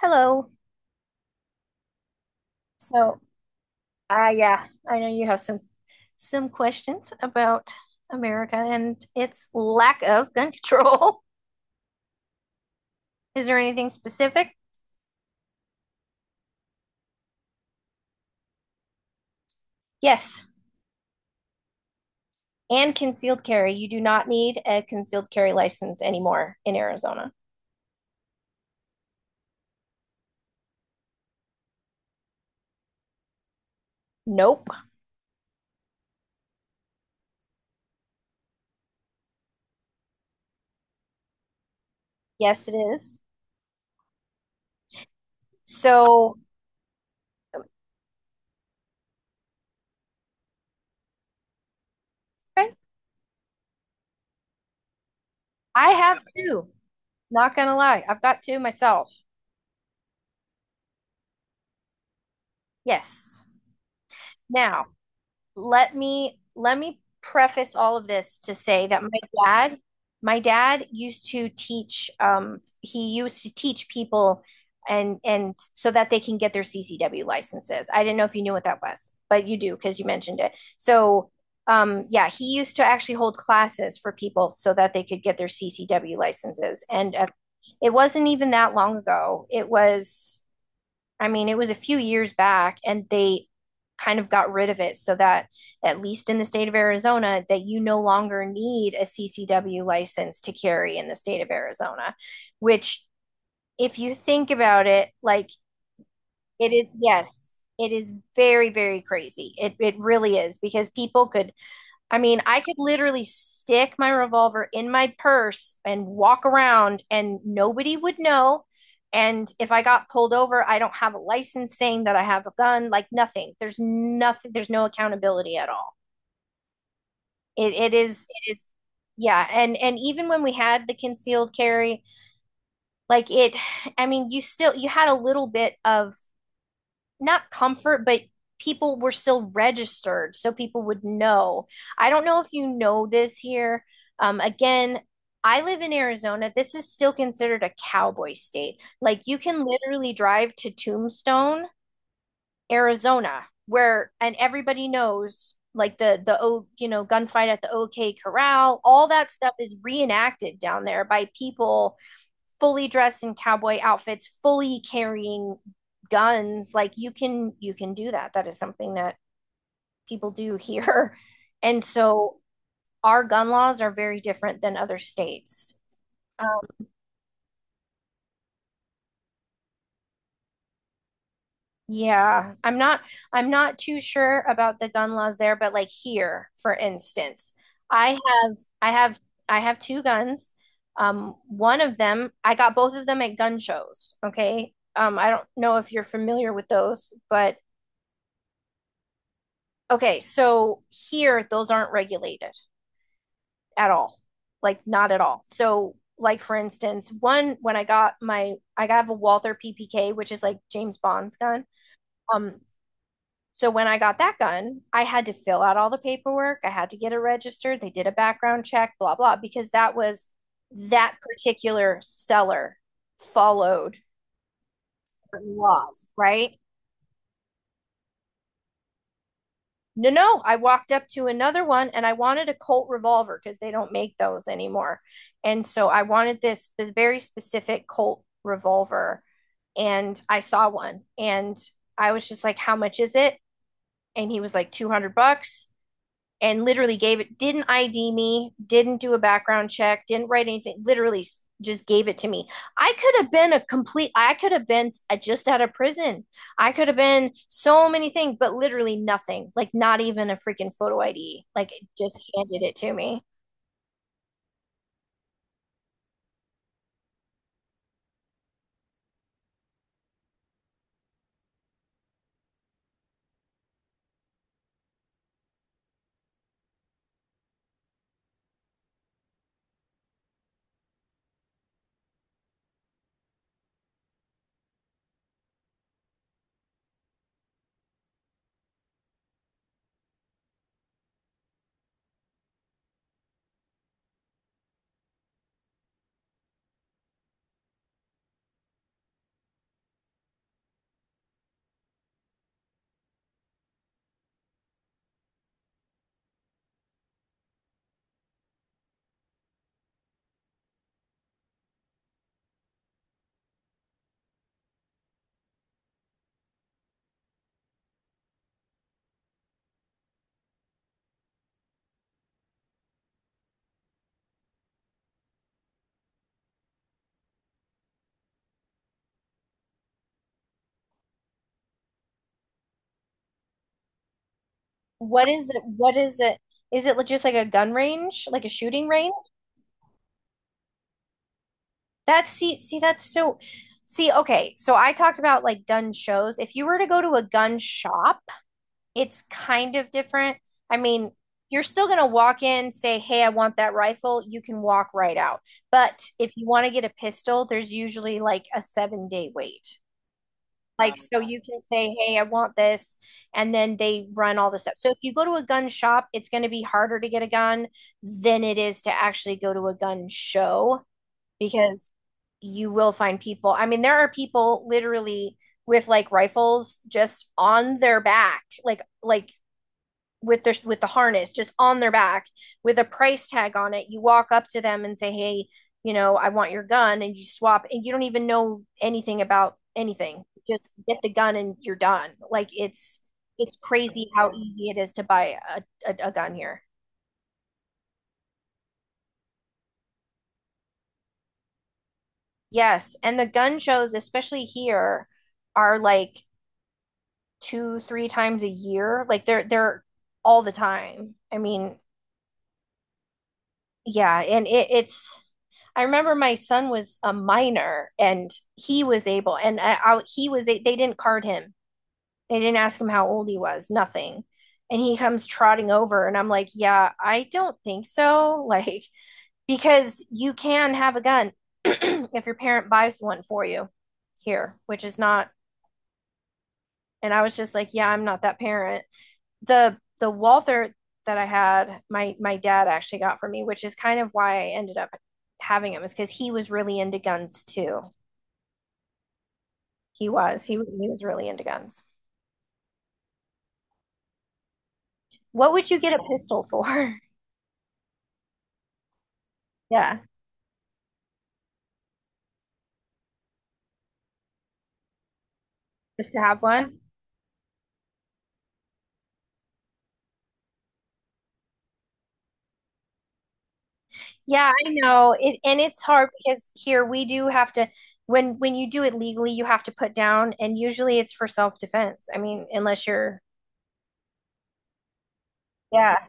Hello. So, yeah, I know you have some questions about America and its lack of gun control. Is there anything specific? Yes, and concealed carry. You do not need a concealed carry license anymore in Arizona. Nope. Yes, it is. So, okay. I have two. Not gonna lie, I've got two myself. Yes. Now, let me preface all of this to say that my dad used to teach he used to teach people and so that they can get their CCW licenses. I didn't know if you knew what that was, but you do because you mentioned it. So, yeah, he used to actually hold classes for people so that they could get their CCW licenses, and it wasn't even that long ago. It was, I mean, it was a few years back, and they kind of got rid of it so that, at least in the state of Arizona, that you no longer need a CCW license to carry in the state of Arizona, which, if you think about it, like, it is. Yes, it is very, very crazy. It really is, because people could, I mean, I could literally stick my revolver in my purse and walk around and nobody would know. And if I got pulled over, I don't have a license saying that I have a gun, like nothing. There's nothing, there's no accountability at all. It is. Yeah, and even when we had the concealed carry, like, it, I mean, you had a little bit of, not comfort, but people were still registered, so people would know. I don't know if you know this here. Again, I live in Arizona. This is still considered a cowboy state. Like, you can literally drive to Tombstone, Arizona, where, and everybody knows, like, the gunfight at the OK Corral. All that stuff is reenacted down there by people fully dressed in cowboy outfits, fully carrying guns. Like, you can do that. That is something that people do here. And so our gun laws are very different than other states. Um, yeah, I'm not too sure about the gun laws there, but, like, here, for instance, I have I have I have two guns. One of them, I got both of them at gun shows. Okay. I don't know if you're familiar with those, but okay, so here those aren't regulated at all. Like, not at all. So, like, for instance, one when I got my I got a Walther PPK, which is like James Bond's gun. Um so when I got that gun, I had to fill out all the paperwork. I had to get it registered. They did a background check, blah blah, because that particular seller followed laws, right? No, no, I walked up to another one and I wanted a Colt revolver because they don't make those anymore. And so I wanted this very specific Colt revolver. And I saw one, and I was just like, how much is it? And he was like, 200 bucks, and literally gave it, didn't ID me, didn't do a background check, didn't write anything, literally just gave it to me. I could have been a complete, I could have been just out of prison. I could have been so many things, but literally nothing, like not even a freaking photo ID. Like, it just handed it to me. What is it? What is it? Is it just like a gun range, like a shooting range? That's, see, see, that's so. See, okay, so I talked about, like, gun shows. If you were to go to a gun shop, it's kind of different. I mean, you're still going to walk in, say, hey, I want that rifle. You can walk right out. But if you want to get a pistol, there's usually like a 7 day wait. Like, so you can say, hey, I want this. And then they run all the stuff. So if you go to a gun shop, it's going to be harder to get a gun than it is to actually go to a gun show, because you will find people. I mean, there are people literally with, like, rifles just on their back, like, with the harness just on their back, with a price tag on it. You walk up to them and say, hey, I want your gun, and you swap, and you don't even know anything about anything. Just get the gun and you're done. Like, it's crazy how easy it is to buy a gun here. Yes, and the gun shows, especially here, are like two three times a year. Like, they're all the time. I mean, yeah, and it, it's I remember my son was a minor, and he was able, and he was, they didn't card him. They didn't ask him how old he was, nothing. And he comes trotting over, and I'm like, yeah, I don't think so. Like, because you can have a gun if your parent buys one for you here, which is not. And I was just like, yeah, I'm not that parent. The Walther that I had, my dad actually got for me, which is kind of why I ended up having him, is because he was really into guns too. He was, really into guns. What would you get a pistol for? Yeah, just to have one. Yeah, I know. And it's hard because here we do have to, when you do it legally, you have to put down, and usually it's for self-defense. I mean, unless you're, yeah.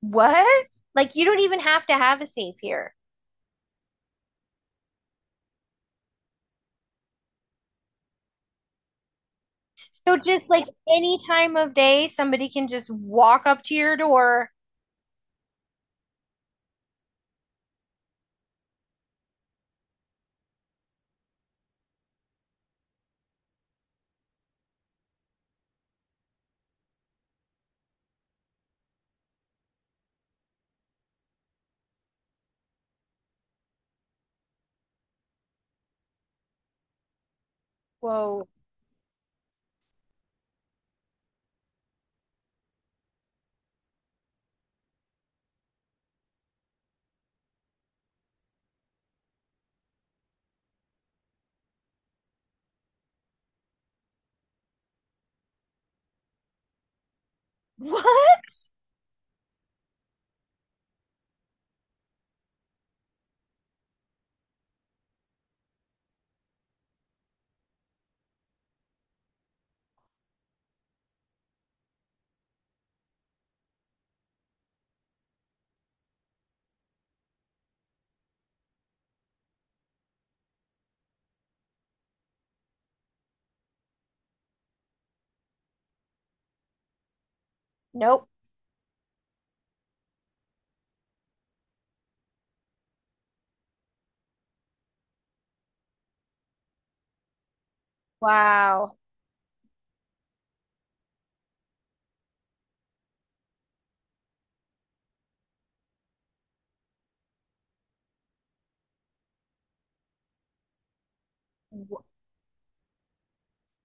What? Like, you don't even have to have a safe here. So just like any time of day, somebody can just walk up to your door. Whoa. What? Nope. Wow.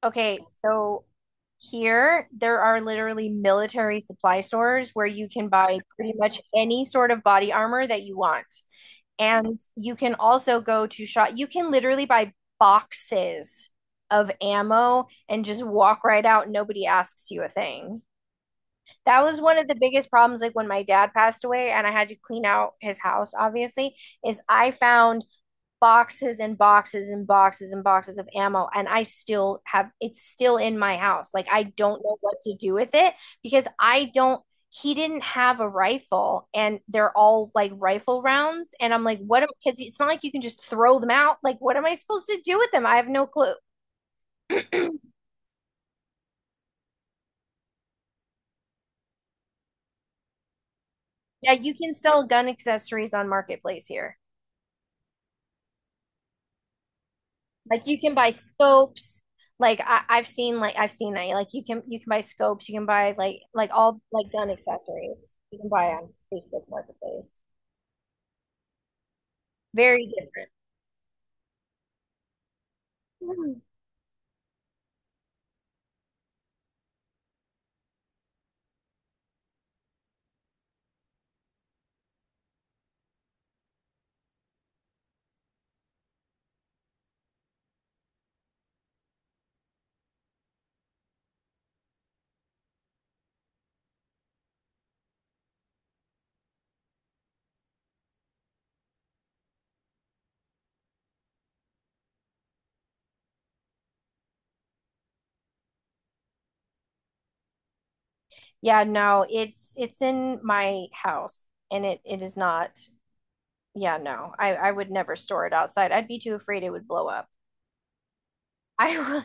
Okay, so here there are literally military supply stores where you can buy pretty much any sort of body armor that you want. And you can also go to shop, you can literally buy boxes of ammo and just walk right out. And nobody asks you a thing. That was one of the biggest problems, like when my dad passed away and I had to clean out his house, obviously, is I found boxes and boxes and boxes and boxes of ammo, and I still have it's still in my house. Like, I don't know what to do with it, because I don't he didn't have a rifle and they're all like rifle rounds, and I'm like, what am cuz it's not like you can just throw them out. Like, what am I supposed to do with them? I have no clue. Yeah, you can sell gun accessories on marketplace here. Like, you can buy scopes. Like, I've seen that. Like, you can buy scopes, you can buy, like, all like gun accessories. You can buy on Facebook Marketplace. Very different. Mhm. Yeah, no, it's in my house and it is not. Yeah, no. I would never store it outside. I'd be too afraid it would blow up. I